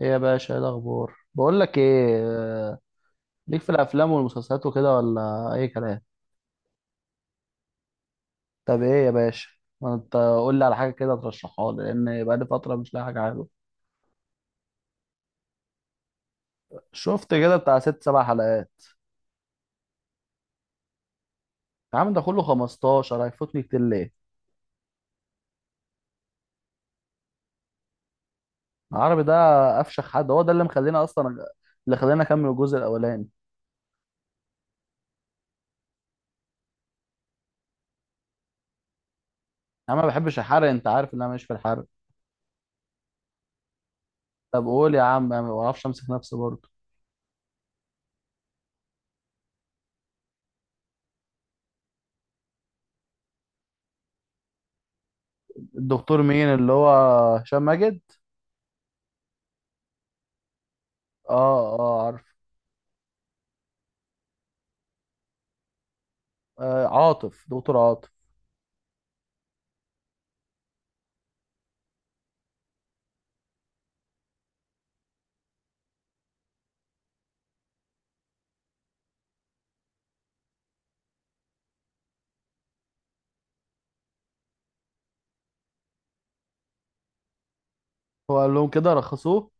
ايه يا باشا، ايه الاخبار؟ بقول لك ايه. آه، ليك في الافلام والمسلسلات وكده ولا اي كلام؟ طب ايه يا باشا، ما انت قول لي على حاجه كده ترشحها لي، لان بقى لي فتره مش لاقي حاجه حلوه. شفت كده بتاع ست سبع حلقات. يا عم ده كله 15 هيفوتني كتير ليه؟ العربي ده افشخ حد، هو ده اللي مخلينا اصلا اللي خلاني اكمل الجزء الاولاني. يا عم ما بحبش الحرق، انت عارف ان انا مش في الحرق. طب قول يا عم، أنا ما بعرفش امسك نفسي برضه. الدكتور مين، اللي هو هشام ماجد؟ اه اه، عارف. عاطف، دكتور عاطف. هو قال لهم كده رخصوه.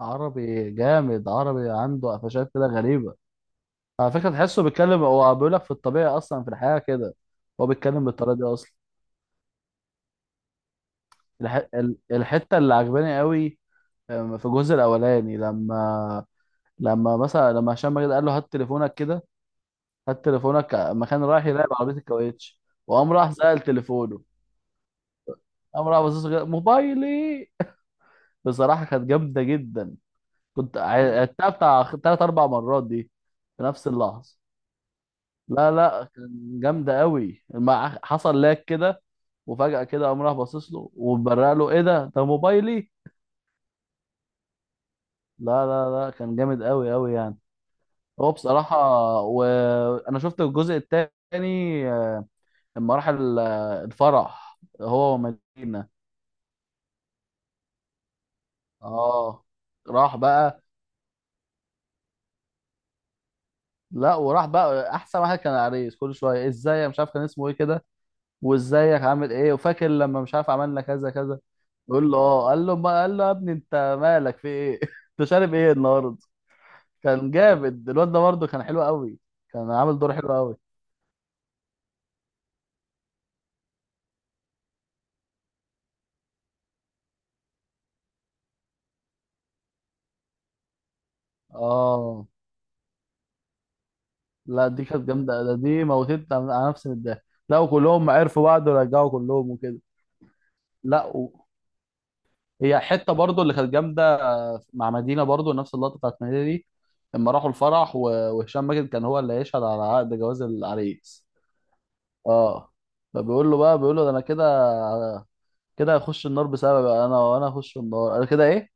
عربي جامد، عربي عنده قفشات كده غريبة. على فكرة تحسه بيتكلم، هو بيقول لك في الطبيعة أصلا، في الحياة كده هو بيتكلم بالطريقة دي أصلا. الحتة اللي عجباني قوي، في الجزء الأولاني لما، لما مثلا لما هشام ماجد قال له هات تليفونك كده، هات تليفونك لما كان رايح يراقب عربية الكاوتش، وقام راح سأل تليفونه، قام راح بص كده، موبايلي. بصراحة كانت جامدة جدا. كنت عدتها بتاع تلات أربع مرات دي في نفس اللحظة. لا لا، كان جامدة قوي، ما حصل لاك كده، وفجأة كده قام راح باصص له وبرق له، ايه ده موبايلي. لا لا لا، كان جامد قوي قوي يعني. هو بصراحة، وانا شفت الجزء التاني، لما راح الفرح هو ومدينة. اه راح بقى، لا وراح بقى احسن واحد كان العريس، كل شوية ازاي، أنا مش عارف كان اسمه ايه كده، وازيك عامل ايه، وفاكر لما مش عارف عملنا كذا كذا، يقول له اه، قال له ما قال له يا ابني انت مالك في ايه. انت شارب ايه النهارده؟ كان جامد الواد ده برضه، كان حلو قوي، كان عامل دور حلو قوي. اه. لا دي كانت جامده، دي موتت على نفسي من الضحك، لا وكلهم عرفوا بعض ورجعوا كلهم وكده. لا و... هي حته برضه اللي كانت جامده، مع مدينه برضه نفس اللقطه بتاعت مدينه دي، لما راحوا الفرح وهشام ماجد كان هو اللي هيشهد على عقد جواز العريس. اه. فبيقول له بقى، بيقول له ده انا كده، كده هخش النار بسببي بقى انا، هخش النار انا كده ايه،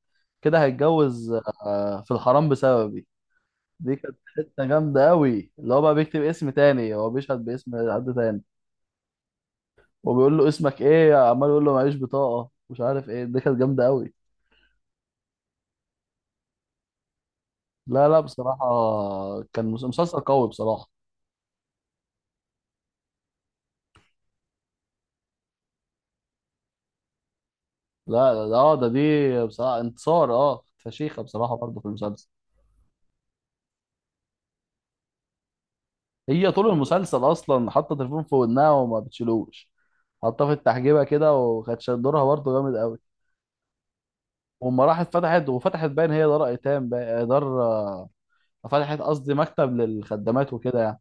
كده هيتجوز. في الحرام بسببي. دي كانت حته جامده قوي، اللي هو بقى بيكتب اسم تاني، هو بيشهد باسم حد تاني، وبيقول له اسمك ايه، عمال يقول له معيش بطاقه، مش عارف ايه، دي كانت جامده قوي. لا لا بصراحه، كان مسلسل قوي بصراحه. لا لا اه، ده دي بصراحه انتصار، اه فشيخه بصراحه برضه في المسلسل. هي طول المسلسل اصلا حاطه تليفون في ودنها وما بتشيلوش، حطها في التحجيبه كده، وكانت دورها برضه جامد قوي. وأما راحت فتحت باين هي دار ايتام دار فتحت قصدي مكتب للخدامات وكده يعني.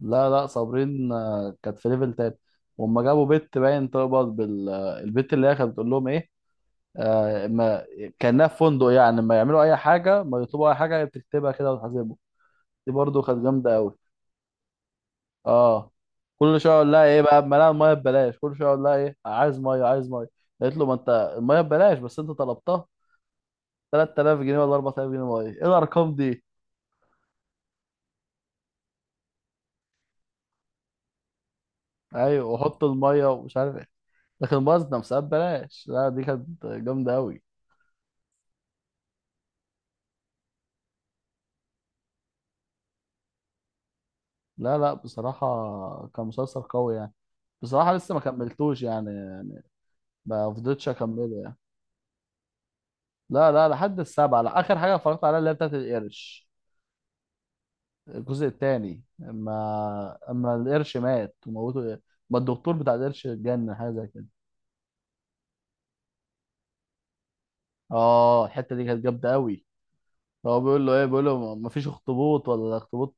لا لا صابرين كانت في ليفل تاني. وأما جابوا بنت باين تقبض بال البنت اللي هي كانت بتقول لهم ايه، آه ما كانها في فندق يعني، ما يعملوا اي حاجه، ما يطلبوا اي حاجه هي بتكتبها كده وتحاسبهم. دي برضه كانت جامده قوي. اه. كل شويه اقول لها ايه بقى، ما انا الميه ببلاش، كل شويه اقول لها ايه، عايز ميه، عايز ميه. قالت له ما انت، الميه ببلاش بس انت طلبتها. 3000 جنيه ولا 4000 جنيه ميه، ايه الارقام دي؟ ايوه، وحط الميه ومش عارف ايه، لكن بازنة مسابات ببلاش. لا دي كانت جامده قوي. لا لا بصراحه، كان مسلسل قوي يعني. بصراحه لسه ما كملتوش يعني ما فضلتش اكمله يعني. لا لا لحد السبعه، لا اخر حاجه اتفرجت عليها اللي هي بتاعت القرش، الجزء الثاني اما، اما القرش مات وموته، ما الدكتور بتاع القرش اتجنن حاجه زي كده. اه الحته دي كانت جامده قوي. هو بيقول له ايه، بيقول له ما فيش اخطبوط، ولا الاخطبوط،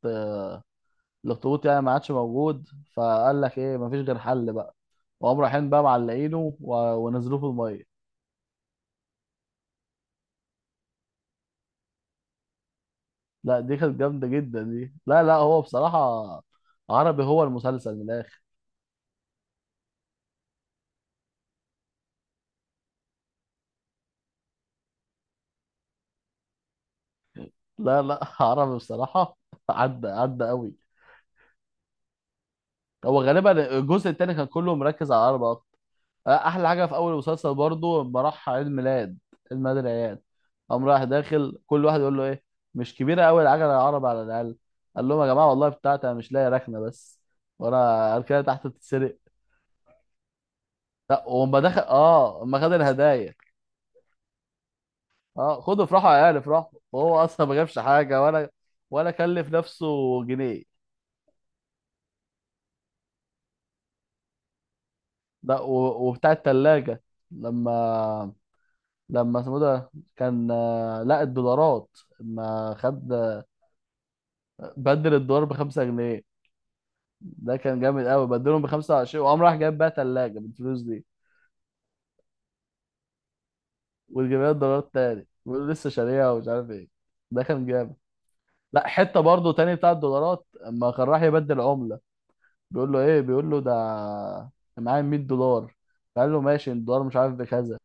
الاخطبوط يعني ما عادش موجود. فقال لك ايه، ما فيش غير حل بقى، وقام رايحين بقى معلقينه ونزلوه في الميه. لا دي كانت جامده جدا دي، لا لا هو بصراحه عربي، هو المسلسل من الاخر. لا لا عربي بصراحه، عدى عدى قوي. هو غالبا الجزء التاني كان كله مركز على العربة أكتر. أحلى حاجة في أول المسلسل برضو لما راح عيد ميلاد، عيد ميلاد العيال، قام رايح داخل كل واحد يقول له إيه، مش كبيرة أوي العجلة العربي على الأقل، قال لهم يا جماعة والله بتاعتي أنا مش لاقي ركنة بس، وأنا أركنة تحت تتسرق. لا وأما دخل أما خد الهدايا، آه خدوا افرحوا يا عيال افرحوا، وهو أصلا ما جابش حاجة ولا، ولا كلف نفسه جنيه. لا و- وبتاع التلاجة لما، لما اسمه ده كان لا الدولارات، ما خد، بدل الدولار بـ5 جنيه. ده كان جامد قوي، بدلهم بـ25، وقام راح جايب بقى تلاجة بالفلوس دي، وجايب لها الدولارات تاني ولسه شاريها ومش عارف ايه. ده كان جامد. لا حتة برضه تاني بتاع الدولارات اما كان راح يبدل عملة، بيقول له ده، أنا معايا 100 دولار، قال له ماشي الدولار مش عارف بكذا،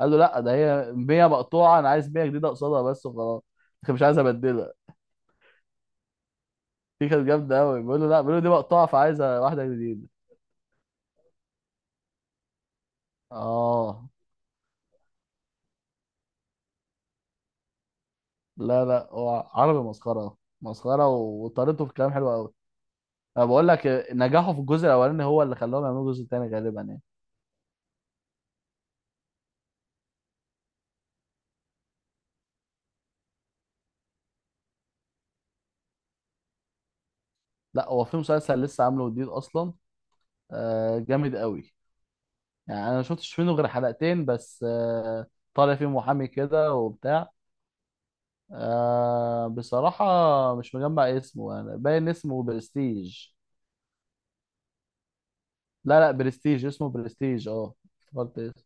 قال له لا ده هي 100 مقطوعة، انا عايز 100 جديدة قصادها بس وخلاص، مش عايز ابدلها. دي كانت جامدة أوي، بيقول له لا بيقول له دي مقطوعة فعايزة واحدة جديدة. اه. لا لا، هو عربي مسخرة مسخرة وطريقته في الكلام حلوة أوي. أنا بقول لك، نجاحه في الجزء الأولاني هو اللي خلاهم يعملوا الجزء التاني غالبا يعني. لا هو في مسلسل لسه عامله جديد أصلا، آه جامد أوي، يعني أنا ما شفتش منه غير حلقتين بس آه. طالع فيه محامي كده وبتاع. آه بصراحة مش مجمع اسمه يعني، باين اسمه برستيج. لا لا برستيج، اسمه برستيج اه. افتكرت.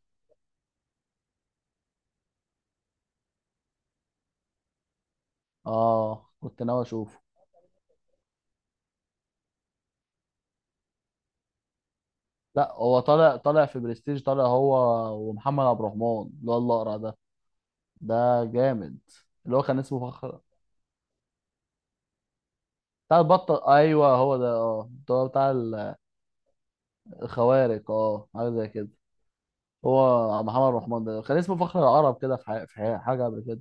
اه كنت ناوي اشوفه. لا هو طالع في برستيج، طالع هو ومحمد عبد الرحمن، اللي هو الاقرع ده. ده جامد. اللي هو كان اسمه فخر، بتاع البطل، ايوه هو ده، اه ده هو بتاع الخوارق اه، حاجه زي كده. هو محمد عبد الرحمن ده كان اسمه فخر العرب كده، حاجه قبل كده.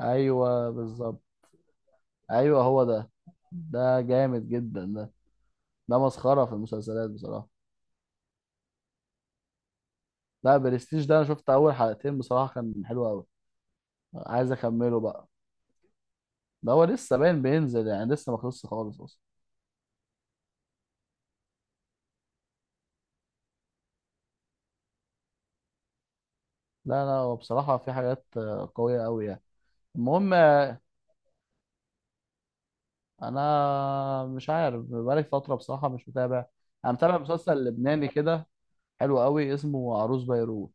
ايوه بالظبط، ايوه هو ده، ده جامد جدا ده، ده مسخره في المسلسلات بصراحه. لا برستيج ده انا شفت اول حلقتين بصراحه، كان حلو قوي، عايز اكمله بقى، ده هو لسه باين بينزل يعني، لسه ما خلصش خالص اصلا. لا لا، هو بصراحة في حاجات قوية قوي يعني. المهم انا مش عارف بقالي فترة بصراحة مش متابع. انا متابع مسلسل لبناني كده حلو قوي، اسمه عروس بيروت.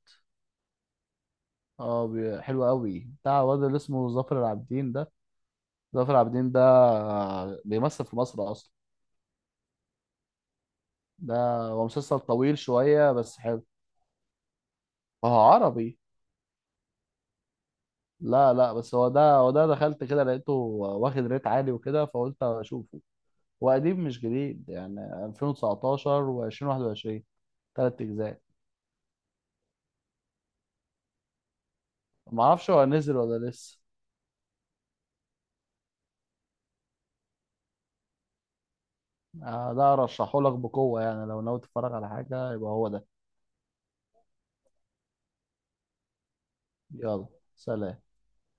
اه، حلو قوي، بتاع واد اللي اسمه ظافر العابدين ده، ظافر العابدين ده بيمثل في مصر اصلا ده. هو مسلسل طويل شوية بس حلو، هو عربي. لا لا بس هو ده دخلت كده لقيته واخد ريت عالي وكده فقلت اشوفه. وقديم مش جديد يعني 2019 و2021، تلات أجزاء. معرفش هو نزل ولا لسه. ده أرشحهولك بقوة يعني، لو ناوي تتفرج على حاجة يبقى هو ده. يلا، سلام.